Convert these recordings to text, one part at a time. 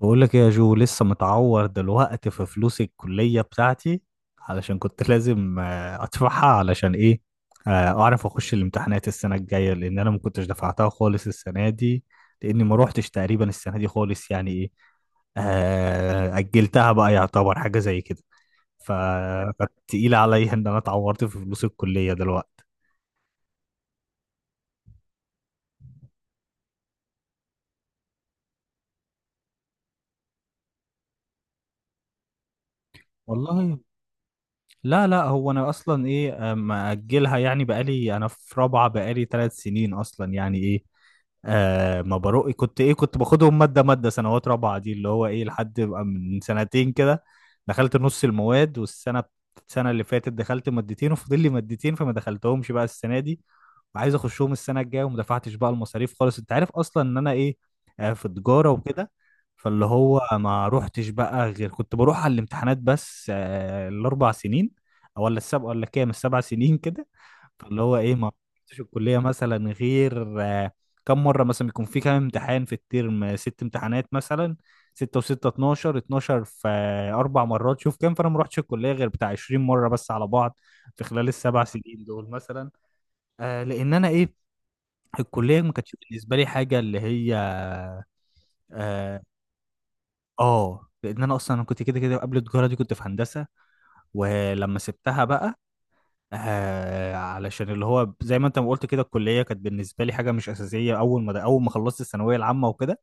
بقول لك إيه يا جو، لسه متعور دلوقتي في فلوس الكلية بتاعتي علشان كنت لازم ادفعها. علشان ايه؟ اعرف اخش الامتحانات السنة الجاية لان انا ما كنتش دفعتها خالص السنة دي، لاني ما روحتش تقريبا السنة دي خالص. يعني ايه؟ اجلتها بقى، يعتبر حاجة زي كده. ف- فكانت تقيلة عليا ان انا اتعورت في فلوس الكلية دلوقتي. والله لا لا، هو انا اصلا ايه مأجلها. يعني بقالي انا في رابعة، بقالي 3 سنين اصلا. يعني ايه آه ما بروق، كنت ايه، كنت باخدهم مادة مادة سنوات رابعة دي اللي هو ايه لحد ما من سنتين كده دخلت نص المواد. والسنة السنة اللي فاتت دخلت مادتين وفاضل لي مادتين، فما دخلتهمش بقى السنة دي. عايز اخشهم السنه الجايه وما دفعتش بقى المصاريف خالص. انت عارف اصلا ان انا ايه، في تجاره وكده. فاللي هو ما روحتش بقى، غير كنت بروح على الامتحانات بس الاربع سنين او ولا السبع ولا كام، السبع سنين كده. فاللي هو ايه، ما رحتش الكليه مثلا غير كم مره. مثلا بيكون في كام امتحان في الترم؟ ست امتحانات مثلا، ستة وستة 12، 12 في أربع مرات. شوف كام. فأنا ما رحتش الكلية غير بتاع 20 مرة بس على بعض في خلال السبع سنين دول مثلا. آه لان انا ايه، الكليه ما كانتش بالنسبه لي حاجه اللي هي. اه لان انا اصلا كنت كده كده، قبل التجاره دي كنت في هندسه. ولما سبتها بقى، آه علشان اللي هو زي ما انت ما قلت كده، الكليه كانت بالنسبه لي حاجه مش اساسيه اول ما خلصت الثانويه العامه وكده.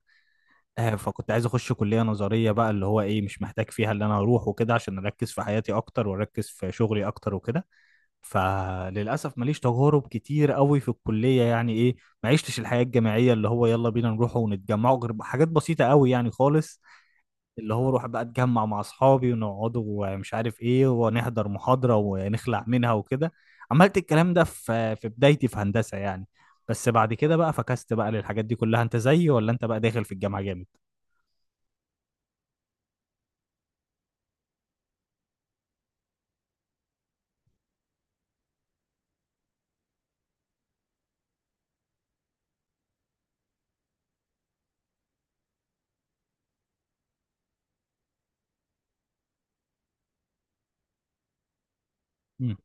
آه فكنت عايز اخش كليه نظريه بقى اللي هو ايه، مش محتاج فيها اللي انا اروح وكده، عشان اركز في حياتي اكتر واركز في شغلي اكتر وكده. فللاسف ماليش تجارب كتير قوي في الكليه يعني ايه. ما عشتش الحياه الجامعيه اللي هو يلا بينا نروح ونتجمع، غير حاجات بسيطه قوي يعني خالص. اللي هو روح بقى اتجمع مع اصحابي ونقعد ومش عارف ايه، ونحضر محاضره ونخلع منها وكده. عملت الكلام ده في بدايتي في هندسه يعني. بس بعد كده بقى فكست بقى للحاجات دي كلها. انت زيي ولا انت بقى داخل في الجامعه جامد؟ امم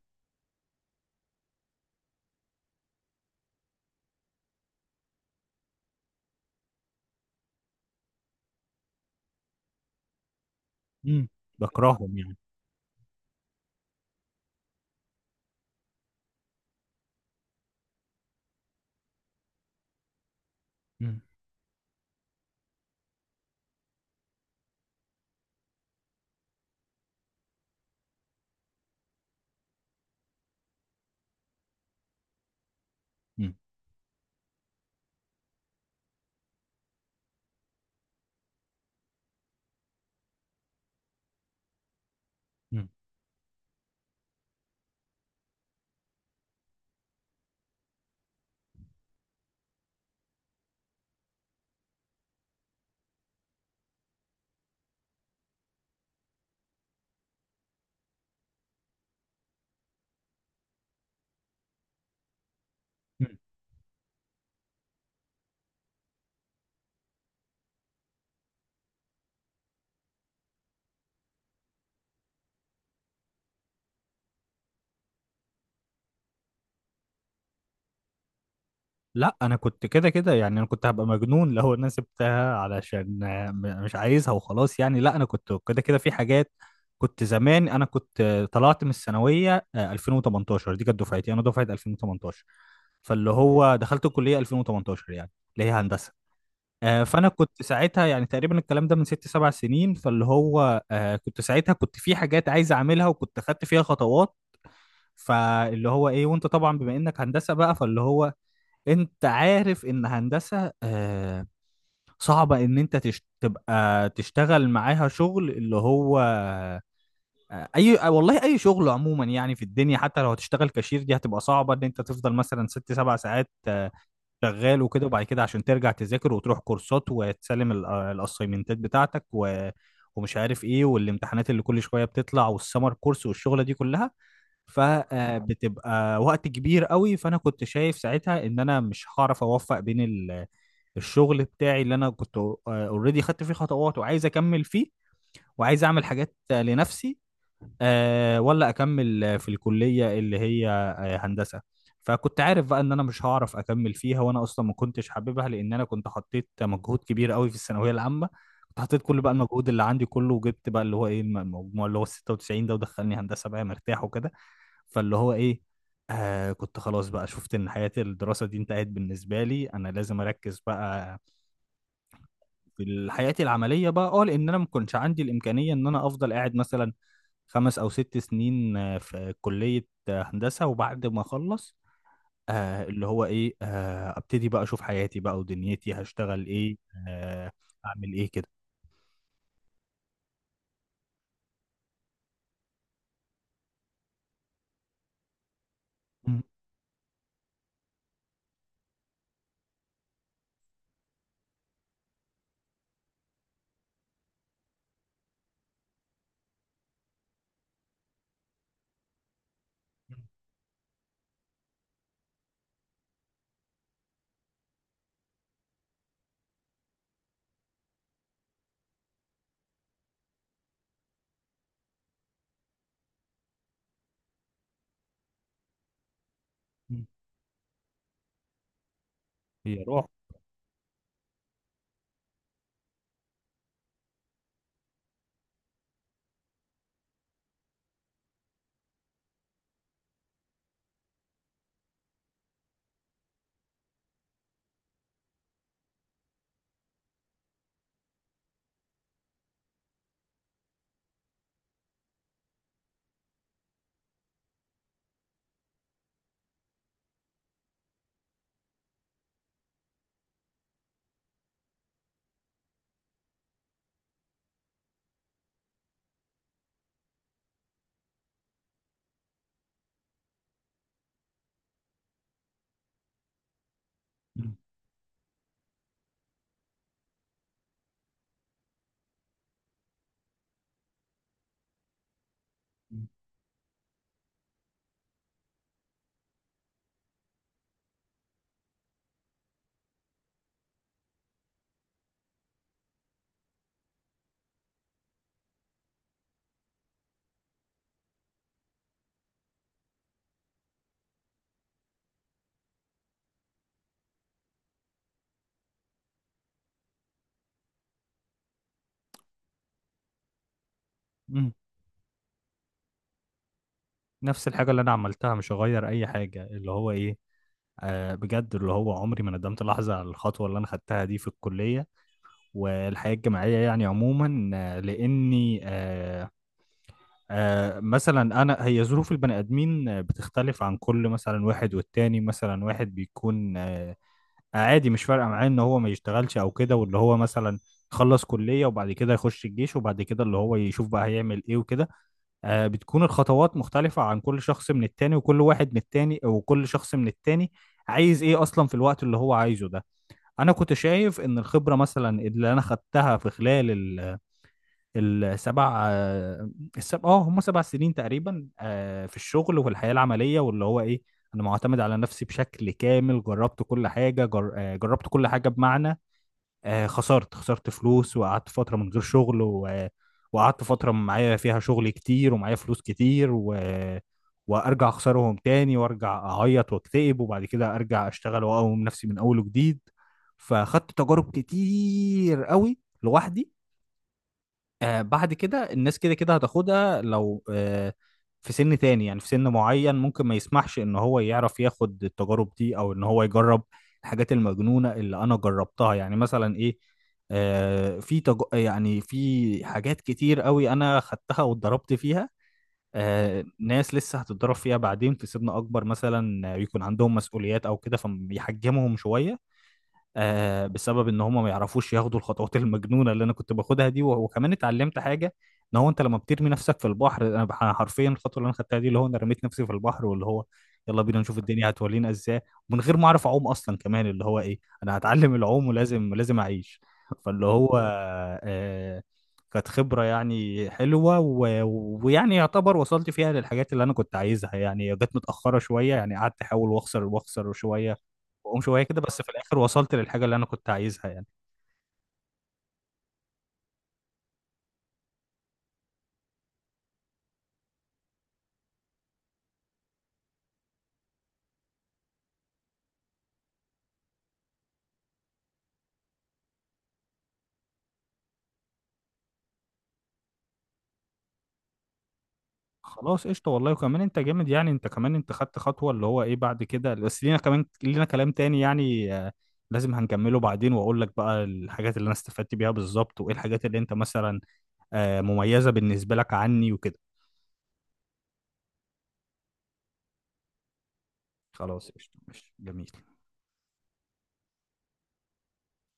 امم بكرههم يعني. امم امم لا انا كنت كده كده يعني، انا كنت هبقى مجنون لو انا سبتها علشان مش عايزها وخلاص يعني. لا انا كنت كده كده في حاجات كنت زمان. انا كنت طلعت من الثانويه 2018. دي كانت دفعتي، انا دفعه 2018 فاللي هو دخلت الكليه 2018 يعني، اللي هي هندسه. فانا كنت ساعتها يعني تقريبا الكلام ده من ست سبع سنين. فاللي هو كنت ساعتها، كنت في حاجات عايز اعملها وكنت خدت فيها خطوات. فاللي هو ايه، وانت طبعا بما انك هندسه بقى، فاللي هو انت عارف ان هندسة صعبة ان انت تبقى تشتغل معاها شغل اللي هو آه، اي آه، والله اي شغل عموما يعني في الدنيا، حتى لو هتشتغل كاشير دي هتبقى صعبة ان انت تفضل مثلا ست سبع ساعات شغال وكده. وبعد كده عشان ترجع تذاكر وتروح كورسات وتسلم الاسايمنتات بتاعتك و... ومش عارف ايه، والامتحانات اللي كل شوية بتطلع والسمر كورس والشغلة دي كلها، فبتبقى وقت كبير قوي. فانا كنت شايف ساعتها ان انا مش هعرف اوفق بين الشغل بتاعي اللي انا كنت اوريدي خدت فيه خطوات وعايز اكمل فيه وعايز اعمل حاجات لنفسي ولا اكمل في الكلية اللي هي هندسة. فكنت عارف بقى ان انا مش هعرف اكمل فيها، وانا اصلا ما كنتش حاببها لان انا كنت حطيت مجهود كبير قوي في الثانوية العامة. كنت حطيت كل بقى المجهود اللي عندي كله، وجبت بقى اللي هو ايه المجموع اللي هو 96 ده، ودخلني هندسة بقى مرتاح وكده. فاللي هو ايه، آه كنت خلاص بقى شفت ان حياة الدراسة دي انتهت بالنسبة لي، انا لازم اركز بقى في حياتي العملية بقى اه. لان انا ما كنتش عندي الامكانية ان انا افضل قاعد مثلا خمس او ست سنين في كلية هندسة. وبعد ما اخلص آه اللي هو ايه آه ابتدي بقى اشوف حياتي بقى ودنيتي هشتغل ايه. آه اعمل ايه كده. م- م. هي روح. م- م- م. نفس الحاجة اللي انا عملتها مش هغير اي حاجة اللي هو ايه، بجد اللي هو عمري ما ندمت لحظة على الخطوة اللي أنا خدتها دي في الكلية والحياة الجامعية يعني عموما لأني مثلا أنا هي ظروف البني آدمين بتختلف عن كل مثلا واحد والتاني. مثلا واحد بيكون عادي مش فارقة معاه إن هو ما يشتغلش أو كده، واللي هو مثلا يخلص كلية وبعد كده يخش الجيش وبعد كده اللي هو يشوف بقى هيعمل إيه وكده. بتكون الخطوات مختلفة عن كل شخص من التاني، وكل واحد من التاني، وكل شخص من التاني عايز ايه اصلا في الوقت اللي هو عايزه ده. انا كنت شايف ان الخبرة مثلا اللي انا خدتها في خلال السبع آه، السبع اه هم 7 سنين تقريبا في الشغل وفي الحياة العملية. واللي هو ايه، انا معتمد على نفسي بشكل كامل. جربت كل حاجة جر... آه، جربت كل حاجة بمعنى خسرت فلوس وقعدت فترة من غير شغل و... وقعدت فترة معايا فيها شغل كتير ومعايا فلوس كتير و... وارجع اخسرهم تاني وارجع اعيط واكتئب وبعد كده ارجع اشتغل واقوم نفسي من اول وجديد. فاخدت تجارب كتير قوي لوحدي. آه بعد كده الناس كده كده هتاخدها لو آه في سن تاني. يعني في سن معين ممكن ما يسمحش ان هو يعرف ياخد التجارب دي او ان هو يجرب الحاجات المجنونة اللي انا جربتها. يعني مثلا ايه، يعني في حاجات كتير قوي انا خدتها واتضربت فيها. آه ناس لسه هتتضرب فيها بعدين في سن اكبر مثلا يكون عندهم مسؤوليات او كده فبيحجمهم شوية بسبب ان هم ما يعرفوش ياخدوا الخطوات المجنونه اللي انا كنت باخدها دي. وكمان اتعلمت حاجه ان هو انت لما بترمي نفسك في البحر، انا حرفيا الخطوه اللي انا خدتها دي اللي هو انا رميت نفسي في البحر، واللي هو يلا بينا نشوف الدنيا هتولينا ازاي، ومن غير ما اعرف اعوم اصلا كمان. اللي هو ايه، انا هتعلم العوم ولازم لازم اعيش. فاللي هو آه، كانت خبره يعني حلوه ويعني يعتبر وصلت فيها للحاجات اللي انا كنت عايزها يعني. جت متاخره شويه يعني، قعدت احاول واخسر واخسر شويه، واقوم شويه كده، بس في الاخر وصلت للحاجه اللي انا كنت عايزها يعني. خلاص قشطه والله. وكمان انت جامد يعني، انت كمان انت خدت خطوه اللي هو ايه بعد كده، بس لينا كمان لينا كلام تاني يعني لازم هنكمله بعدين. واقول لك بقى الحاجات اللي انا استفدت بيها بالظبط، وايه الحاجات اللي انت مثلا مميزه بالنسبه لك عني وكده. خلاص قشطه، ماشي جميل.